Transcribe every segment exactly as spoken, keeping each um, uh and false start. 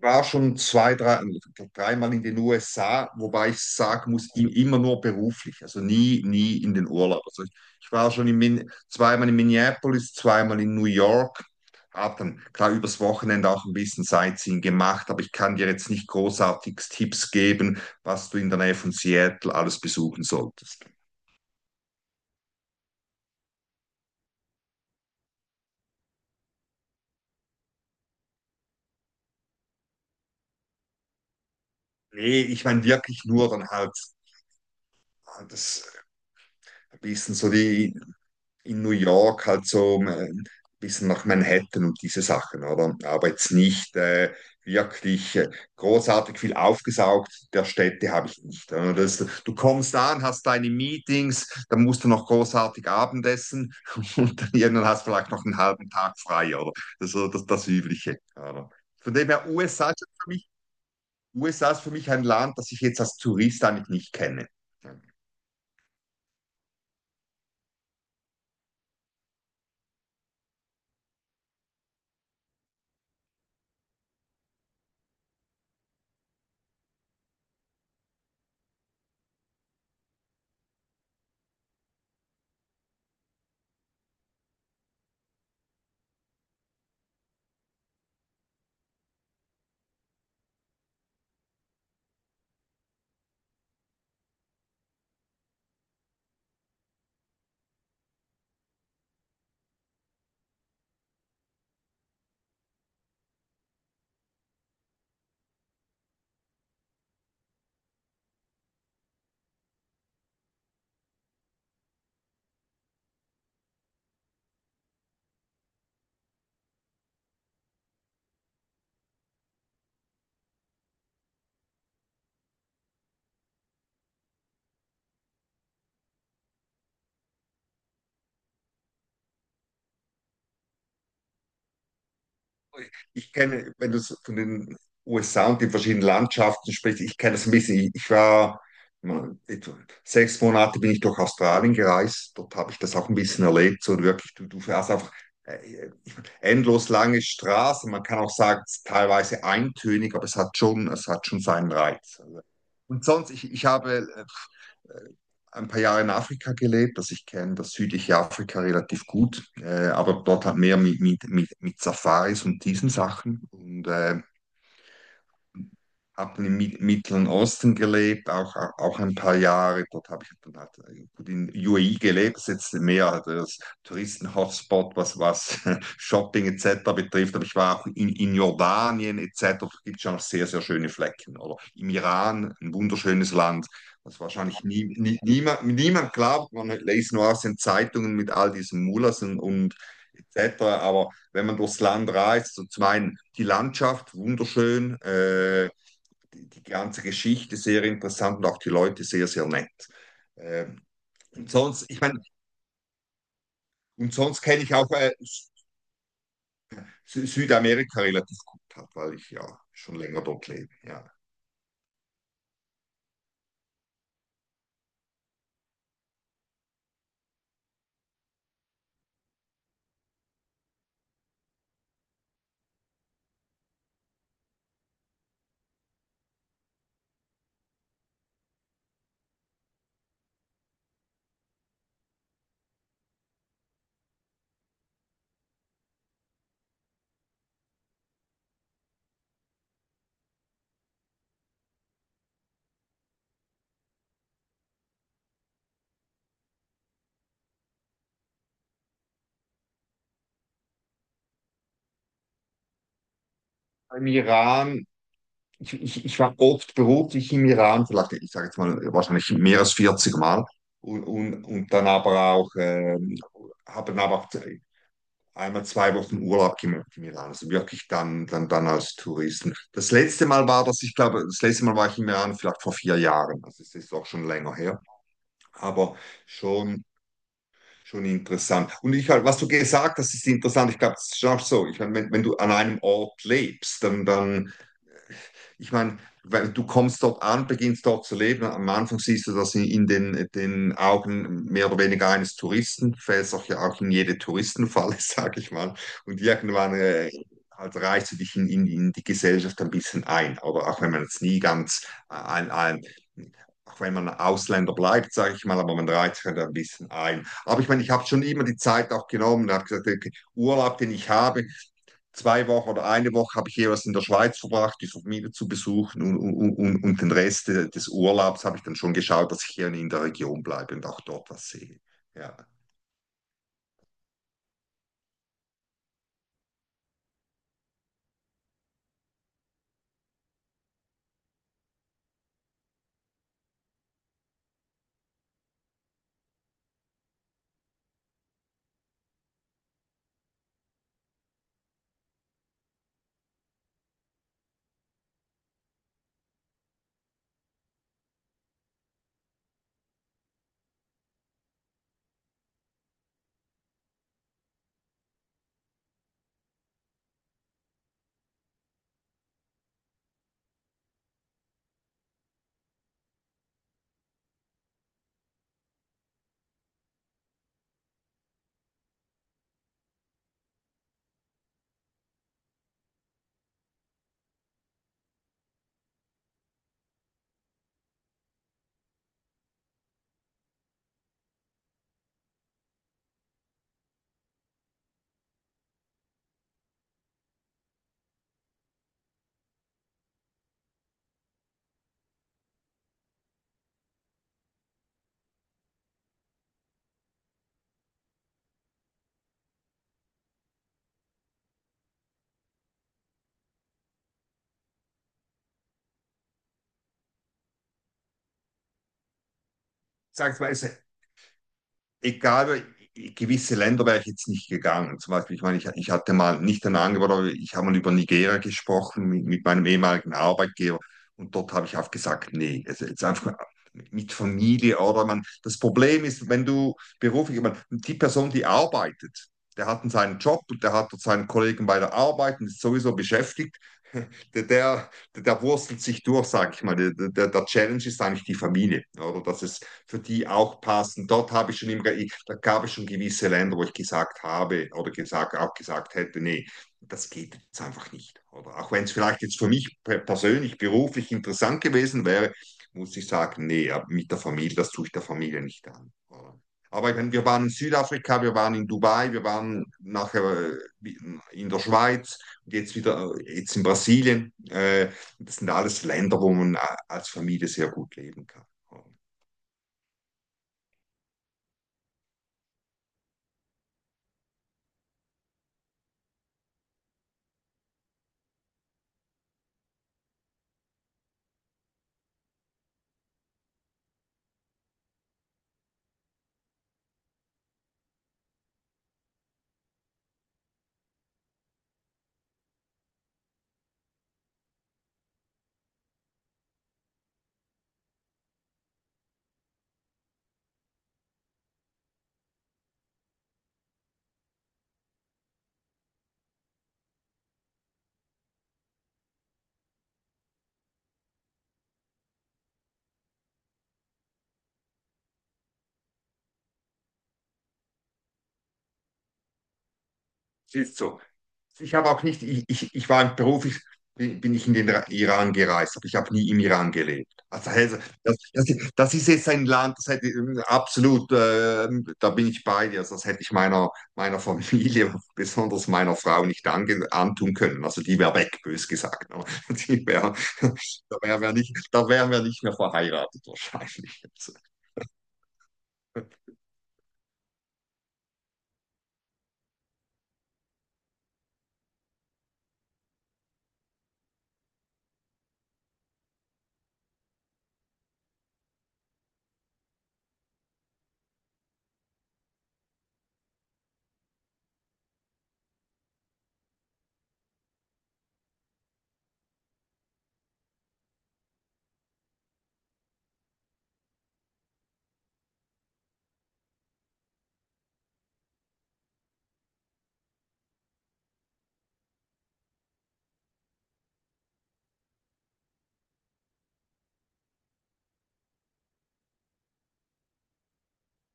War schon zwei, drei, dreimal in den U S A, wobei ich sagen muss, im- immer nur beruflich, also nie, nie in den Urlaub. Also ich, ich war schon in Min zweimal in Minneapolis, zweimal in New York, habe dann klar übers Wochenende auch ein bisschen Sightseeing gemacht, aber ich kann dir jetzt nicht großartig Tipps geben, was du in der Nähe von Seattle alles besuchen solltest. Nee, ich meine wirklich nur dann halt halt das ein bisschen so die in New York halt so ein bisschen nach Manhattan und diese Sachen, oder? Aber jetzt nicht äh, wirklich äh, großartig viel aufgesaugt der Städte habe ich nicht, oder? Das, du kommst an, hast deine Meetings, dann musst du noch großartig Abendessen und dann irgendwann hast du vielleicht noch einen halben Tag frei, oder? Das ist so das, das Übliche, oder? Von dem her, U S A ist für mich, U S A ist für mich ein Land, das ich jetzt als Tourist eigentlich nicht kenne. Ja. Ich kenne, wenn du so von den U S A und den verschiedenen Landschaften sprichst, ich kenne das ein bisschen. Ich, ich war mal, etwa sechs Monate bin ich durch Australien gereist. Dort habe ich das auch ein bisschen erlebt. So wirklich, du, du fährst einfach äh, endlos lange Straßen. Man kann auch sagen, es ist teilweise eintönig, aber es hat schon, es hat schon seinen Reiz. Also, und sonst, ich, ich habe äh, ein paar Jahre in Afrika gelebt, dass ich kenne das südliche Afrika relativ gut, äh, aber dort halt mehr mit, mit, mit, mit Safaris und diesen Sachen. Und äh, habe im Mi- Mittleren Osten gelebt, auch, auch ein paar Jahre. Dort habe ich dann halt äh, gut in U A E gelebt, das ist jetzt mehr halt das Touristen-Hotspot, was, was Shopping et cetera betrifft. Aber ich war auch in, in Jordanien et cetera. Da gibt es schon noch sehr, sehr schöne Flecken. Oder im Iran, ein wunderschönes Land, was wahrscheinlich nie, nie, niemand, niemand glaubt. Man liest nur aus den Zeitungen mit all diesen Mullahs und, und et cetera. Aber wenn man durchs Land reist, so zum einen die Landschaft, wunderschön, äh, die, die ganze Geschichte sehr interessant und auch die Leute sehr, sehr nett. Ähm, und sonst, ich meine, und sonst kenne ich auch äh, Sü- Südamerika relativ gut, halt, weil ich ja schon länger dort lebe. Ja. Im Iran, ich, ich, ich war oft beruflich im Iran, vielleicht, ich sage jetzt mal, wahrscheinlich mehr als vierzig Mal. Und, und, und dann aber auch, ähm, habe dann aber auch einmal zwei Wochen Urlaub gemacht in Milan. Also wirklich dann, dann, dann als Touristen. Das letzte Mal war das, ich glaube, das letzte Mal war ich in Milan vielleicht vor vier Jahren. Also es ist auch schon länger her. Aber schon, schon interessant. Und ich halt, was du gesagt hast, ist interessant. Ich glaube, es ist schon auch so. Ich meine, wenn, wenn du an einem Ort lebst, dann, dann ich meine, weil du kommst dort an, beginnst dort zu leben. Am Anfang siehst du das in, in den, den Augen mehr oder weniger eines Touristen, fällst auch ja auch in jede Touristenfalle, sage ich mal. Und irgendwann äh, halt reichst du dich in, in, in die Gesellschaft ein bisschen ein. Aber auch wenn man jetzt nie ganz äh, ein, ein auch wenn man Ausländer bleibt, sage ich mal, aber man reizt sich halt ein bisschen ein. Aber ich meine, ich habe schon immer die Zeit auch genommen, habe gesagt, okay, Urlaub, den ich habe, zwei Wochen oder eine Woche habe ich jeweils in der Schweiz verbracht, die Familie zu besuchen und, und, und, und den Rest äh, des Urlaubs habe ich dann schon geschaut, dass ich hier in der Region bleibe und auch dort was sehe. Ja. Sag mal, es egal, gewisse Länder wäre ich jetzt nicht gegangen. Zum Beispiel, ich meine, ich, ich hatte mal nicht ein Angebot, aber ich habe mal über Nigeria gesprochen mit, mit meinem ehemaligen Arbeitgeber und dort habe ich auch gesagt, nee, es ist einfach mit Familie oder man. Das Problem ist, wenn du beruflich, ich meine, die Person, die arbeitet, der hat seinen Job und der hat dort seinen Kollegen bei der Arbeit und ist sowieso beschäftigt. Der, der, der wurstelt sich durch, sage ich mal. Der, der, der Challenge ist eigentlich die Familie, oder? Das ist, für die auch passen. Dort habe ich schon immer, da gab es schon gewisse Länder, wo ich gesagt habe oder gesagt, auch gesagt hätte, nee, das geht jetzt einfach nicht. Oder auch wenn es vielleicht jetzt für mich persönlich, beruflich interessant gewesen wäre, muss ich sagen, nee, mit der Familie, das tue ich der Familie nicht an, oder? Aber ich meine, wir waren in Südafrika, wir waren in Dubai, wir waren nachher in der Schweiz und jetzt wieder äh, jetzt in Brasilien. Äh, Das sind alles Länder, wo man äh, als Familie sehr gut leben kann. Siehst du, ich habe auch nicht, ich, ich, ich war beruflich, bin, bin ich in den Ra- Iran gereist, aber ich habe nie im Iran gelebt. Also also, das, das, das ist jetzt ein Land, das hätte ich ähm, absolut, äh, da bin ich bei dir, also das hätte ich meiner, meiner Familie, besonders meiner Frau, nicht ange, antun können. Also die wäre weg, bös gesagt. Die wär, da wären wir nicht, da wären wir nicht mehr verheiratet wahrscheinlich. Also,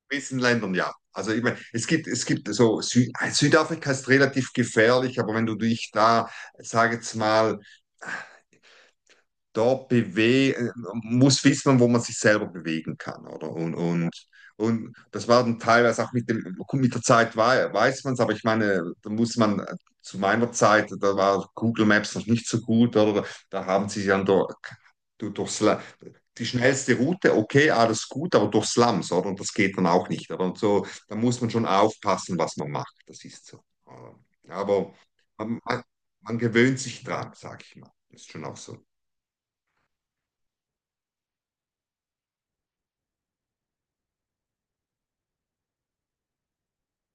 gewissen Ländern, ja. Also ich meine, es gibt, es gibt so, Sü Südafrika ist relativ gefährlich, aber wenn du dich da, sag jetzt mal, da bewe muss wissen, wo man sich selber bewegen kann, oder? Und, und, und das war dann teilweise auch mit dem, mit der Zeit wei- weiß man es, aber ich meine, da muss man äh, zu meiner Zeit, da war Google Maps noch nicht so gut, oder? Da haben sie dann durch, durch Sla- die schnellste Route, okay, alles gut, aber durch Slums, oder? Und das geht dann auch nicht, oder? Und so, da muss man schon aufpassen, was man macht, das ist so, oder? Aber man, man, man gewöhnt sich dran, sag ich mal. Das ist schon auch so.